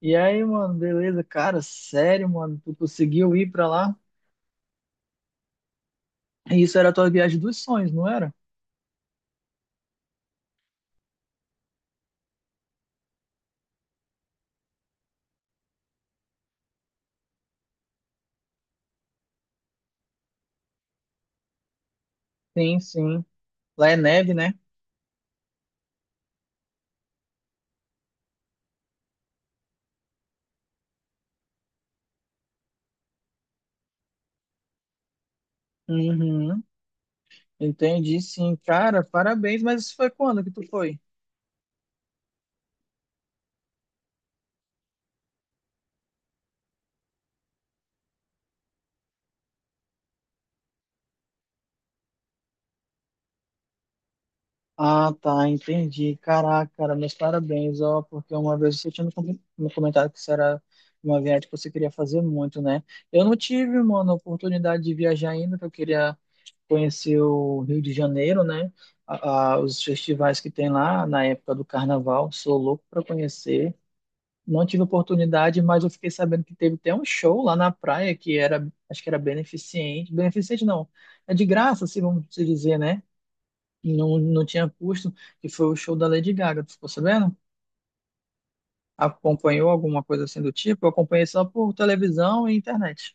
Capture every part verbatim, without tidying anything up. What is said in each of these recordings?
E aí, mano, beleza? Cara, sério, mano, tu conseguiu ir pra lá? Isso era a tua viagem dos sonhos, não era? Sim, sim. Lá é neve, né? Uhum. Entendi, sim. Cara, parabéns, mas isso foi quando que tu foi? Ah, tá, entendi. Caraca, cara, meus parabéns, ó, porque uma vez você tinha me comen- me comentado que isso era uma viagem que você queria fazer muito, né? Eu não tive, mano, oportunidade de viajar ainda, que eu queria conhecer o Rio de Janeiro, né? A- a- os festivais que tem lá na época do Carnaval, sou louco para conhecer. Não tive oportunidade, mas eu fiquei sabendo que teve até um show lá na praia que era, acho que era beneficente. Beneficente não, é de graça, se vamos se dizer, né? Não, não tinha custo, que foi o show da Lady Gaga, tu ficou sabendo? Acompanhou alguma coisa assim do tipo? Eu acompanhei só por televisão e internet.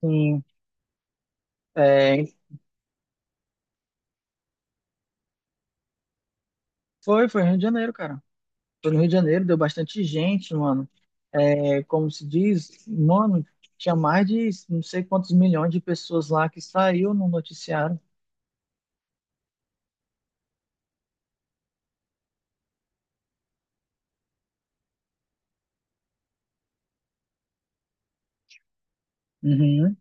Sim, é, foi, foi Rio de Janeiro, cara. Foi no Rio de Janeiro, deu bastante gente, mano. É, como se diz, mano, tinha mais de não sei quantos milhões de pessoas lá que saiu no noticiário. Uhum.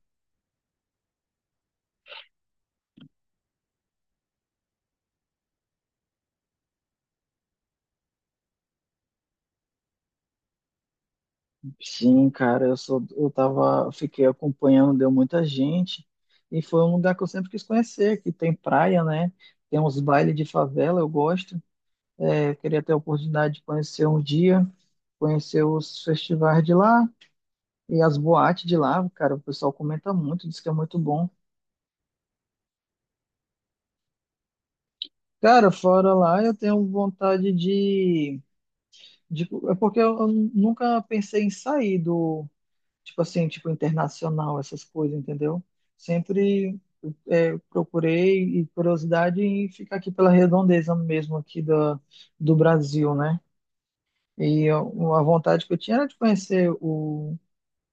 Sim, cara, eu sou, eu tava, fiquei acompanhando, deu muita gente, e foi um lugar que eu sempre quis conhecer, que tem praia, né? Tem uns bailes de favela, eu gosto. É, queria ter a oportunidade de conhecer um dia, conhecer os festivais de lá e as boates de lá, cara, o pessoal comenta muito, diz que é muito bom. Cara, fora lá, eu tenho vontade de. Tipo, é porque eu eu nunca pensei em sair do, tipo assim, tipo internacional, essas coisas, entendeu? Sempre é, procurei e curiosidade em ficar aqui pela redondeza mesmo aqui da, do Brasil, né? E eu- a vontade que eu tinha era de conhecer o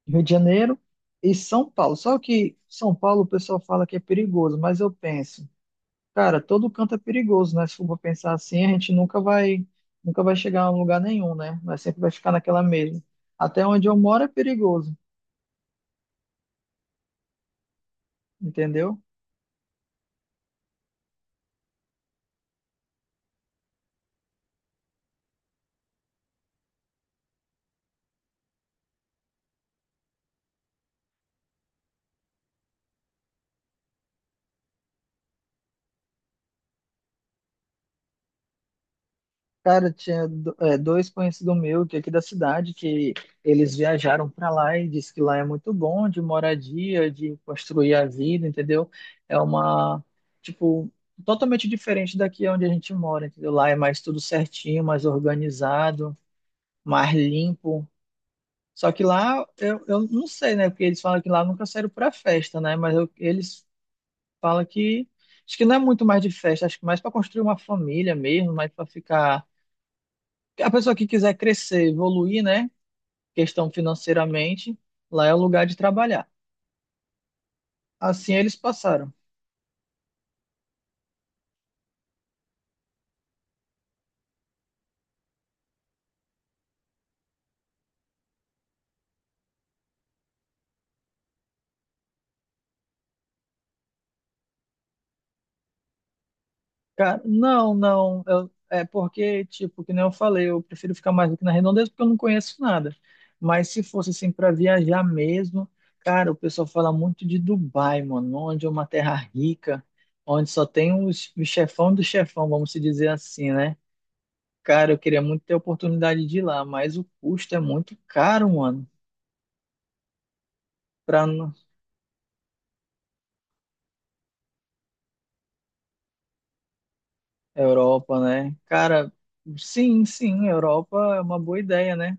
Rio de Janeiro e São Paulo. Só que São Paulo o pessoal fala que é perigoso, mas eu penso. Cara, todo canto é perigoso, né? Se for pra pensar assim, a gente nunca vai, nunca vai chegar a um lugar nenhum, né? Mas sempre vai ficar naquela mesma. Até onde eu moro é perigoso, entendeu? Cara, tinha do- é, dois conhecidos meus que é aqui da cidade que eles viajaram para lá e disse que lá é muito bom de moradia, de construir a vida, entendeu? É uma, tipo, totalmente diferente daqui onde a gente mora, entendeu? Lá é mais tudo certinho, mais organizado, mais limpo. Só que lá, eu, eu não sei, né? Porque eles falam que lá nunca saíram para festa, né? Mas eu- eles falam que. Acho que não é muito mais de festa, acho que mais para construir uma família mesmo, mais para ficar. A pessoa que quiser crescer, evoluir, né? Questão financeiramente, lá é o lugar de trabalhar. Assim eles passaram. Cara, não, não. eu- é porque, tipo, que nem eu falei, eu prefiro ficar mais aqui na redondeza porque eu não conheço nada. Mas se fosse assim para viajar mesmo, cara, o pessoal fala muito de Dubai, mano, onde é uma terra rica, onde só tem os, o chefão do chefão, vamos se dizer assim, né? Cara, eu queria muito ter a oportunidade de ir lá, mas o custo é muito caro, mano, pra n- Europa, né? Cara, sim, sim, Europa é uma boa ideia, né?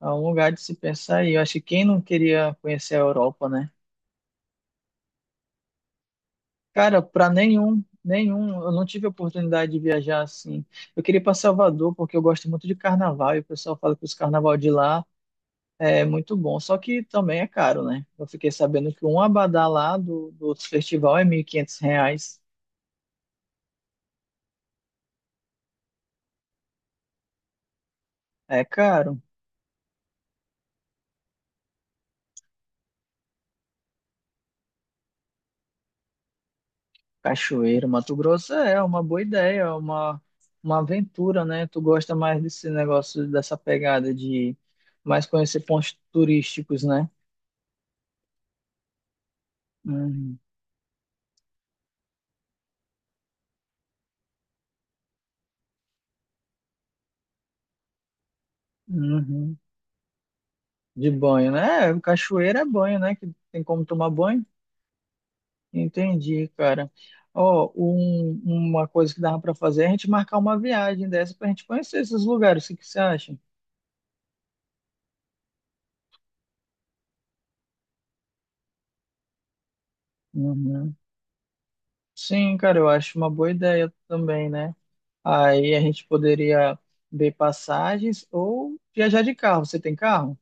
É um lugar de se pensar e eu acho que quem não queria conhecer a Europa, né? Cara, para nenhum, nenhum, eu não tive a oportunidade de viajar assim. Eu queria ir para Salvador porque eu gosto muito de carnaval e o pessoal fala que os carnaval de lá é muito bom, só que também é caro, né? Eu fiquei sabendo que um abadá lá do, do festival é mil e quinhentos reais. É caro. Cachoeira, Mato Grosso é é uma boa ideia, é uma, uma aventura, né? Tu gosta mais desse negócio, dessa pegada de mais conhecer pontos turísticos, né? Uhum, uhum. De banho, né? É, Cachoeira é banho, né? Que tem como tomar banho. Entendi, cara. Ó, um- uma coisa que dava para fazer é a gente marcar uma viagem dessa para a gente conhecer esses lugares. O que que você acha? Uhum. Sim, cara, eu acho uma boa ideia também, né? Aí a gente poderia ver passagens ou viajar de carro. Você tem carro?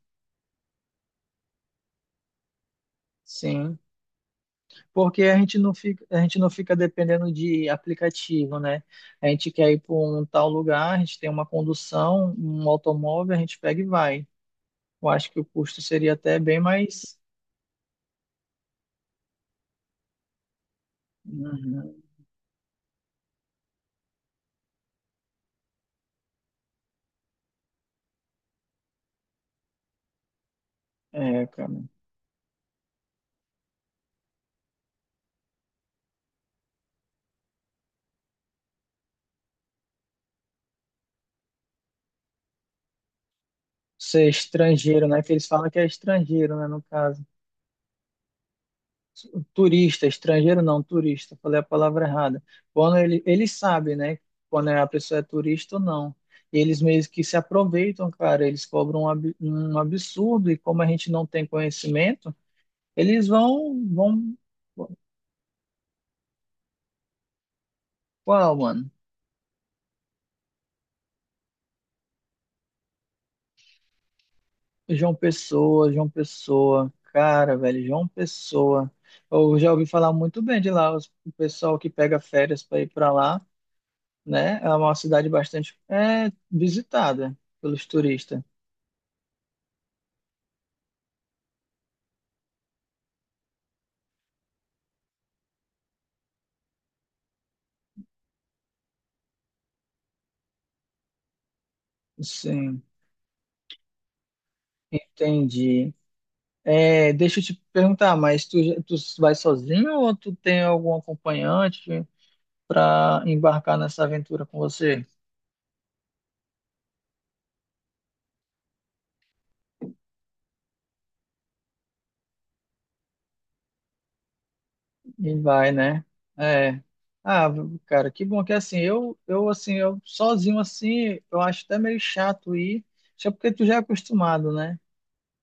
Sim. Porque a gente não fica, a gente não fica dependendo de aplicativo, né? A gente quer ir para um tal lugar, a gente tem uma condução, um automóvel, a gente pega e vai. Eu acho que o custo seria até bem mais. Uhum. É, cara. Ser estrangeiro, né? Que eles falam que é estrangeiro, né? No caso. Turista, estrangeiro não, turista, falei a palavra errada. Quando ele, ele sabe, né, quando a pessoa é turista ou não. E eles meio que se aproveitam, cara, eles cobram um ab- um absurdo e como a gente não tem conhecimento, eles vão, vão, Qual, mano? João Pessoa, João Pessoa, cara, velho, João Pessoa. Eu já ouvi falar muito bem de lá, os- o pessoal que pega férias para ir para lá, né? É uma cidade bastante é, visitada pelos turistas. Sim, entendi. É, deixa eu te perguntar, mas tu, tu vai sozinho ou tu tem algum acompanhante para embarcar nessa aventura com você? E vai, né? É. Ah, cara, que bom que assim, eu, eu assim, eu sozinho assim, eu acho até meio chato ir, só porque tu já é acostumado, né?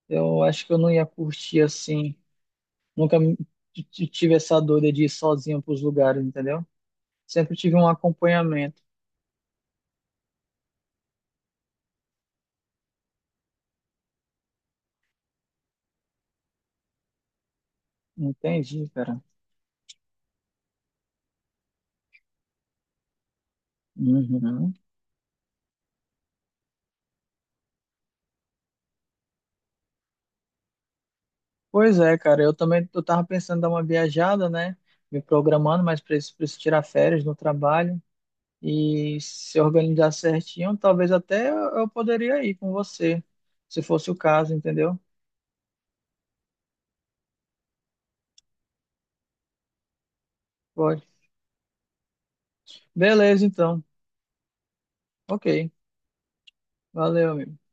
Eu acho que eu não ia curtir assim, nunca me- t- t- tive essa dor de ir sozinho pros lugares, entendeu? Sempre tive um acompanhamento. Entendi, cara. Uhum. Pois é, cara, eu também eu tava pensando em dar uma viajada, né? Me programando, mas preciso, preciso tirar férias no trabalho e se organizar certinho, talvez até eu eu poderia ir com você, se fosse o caso, entendeu? Pode. Beleza, então. Ok. Valeu, amigo.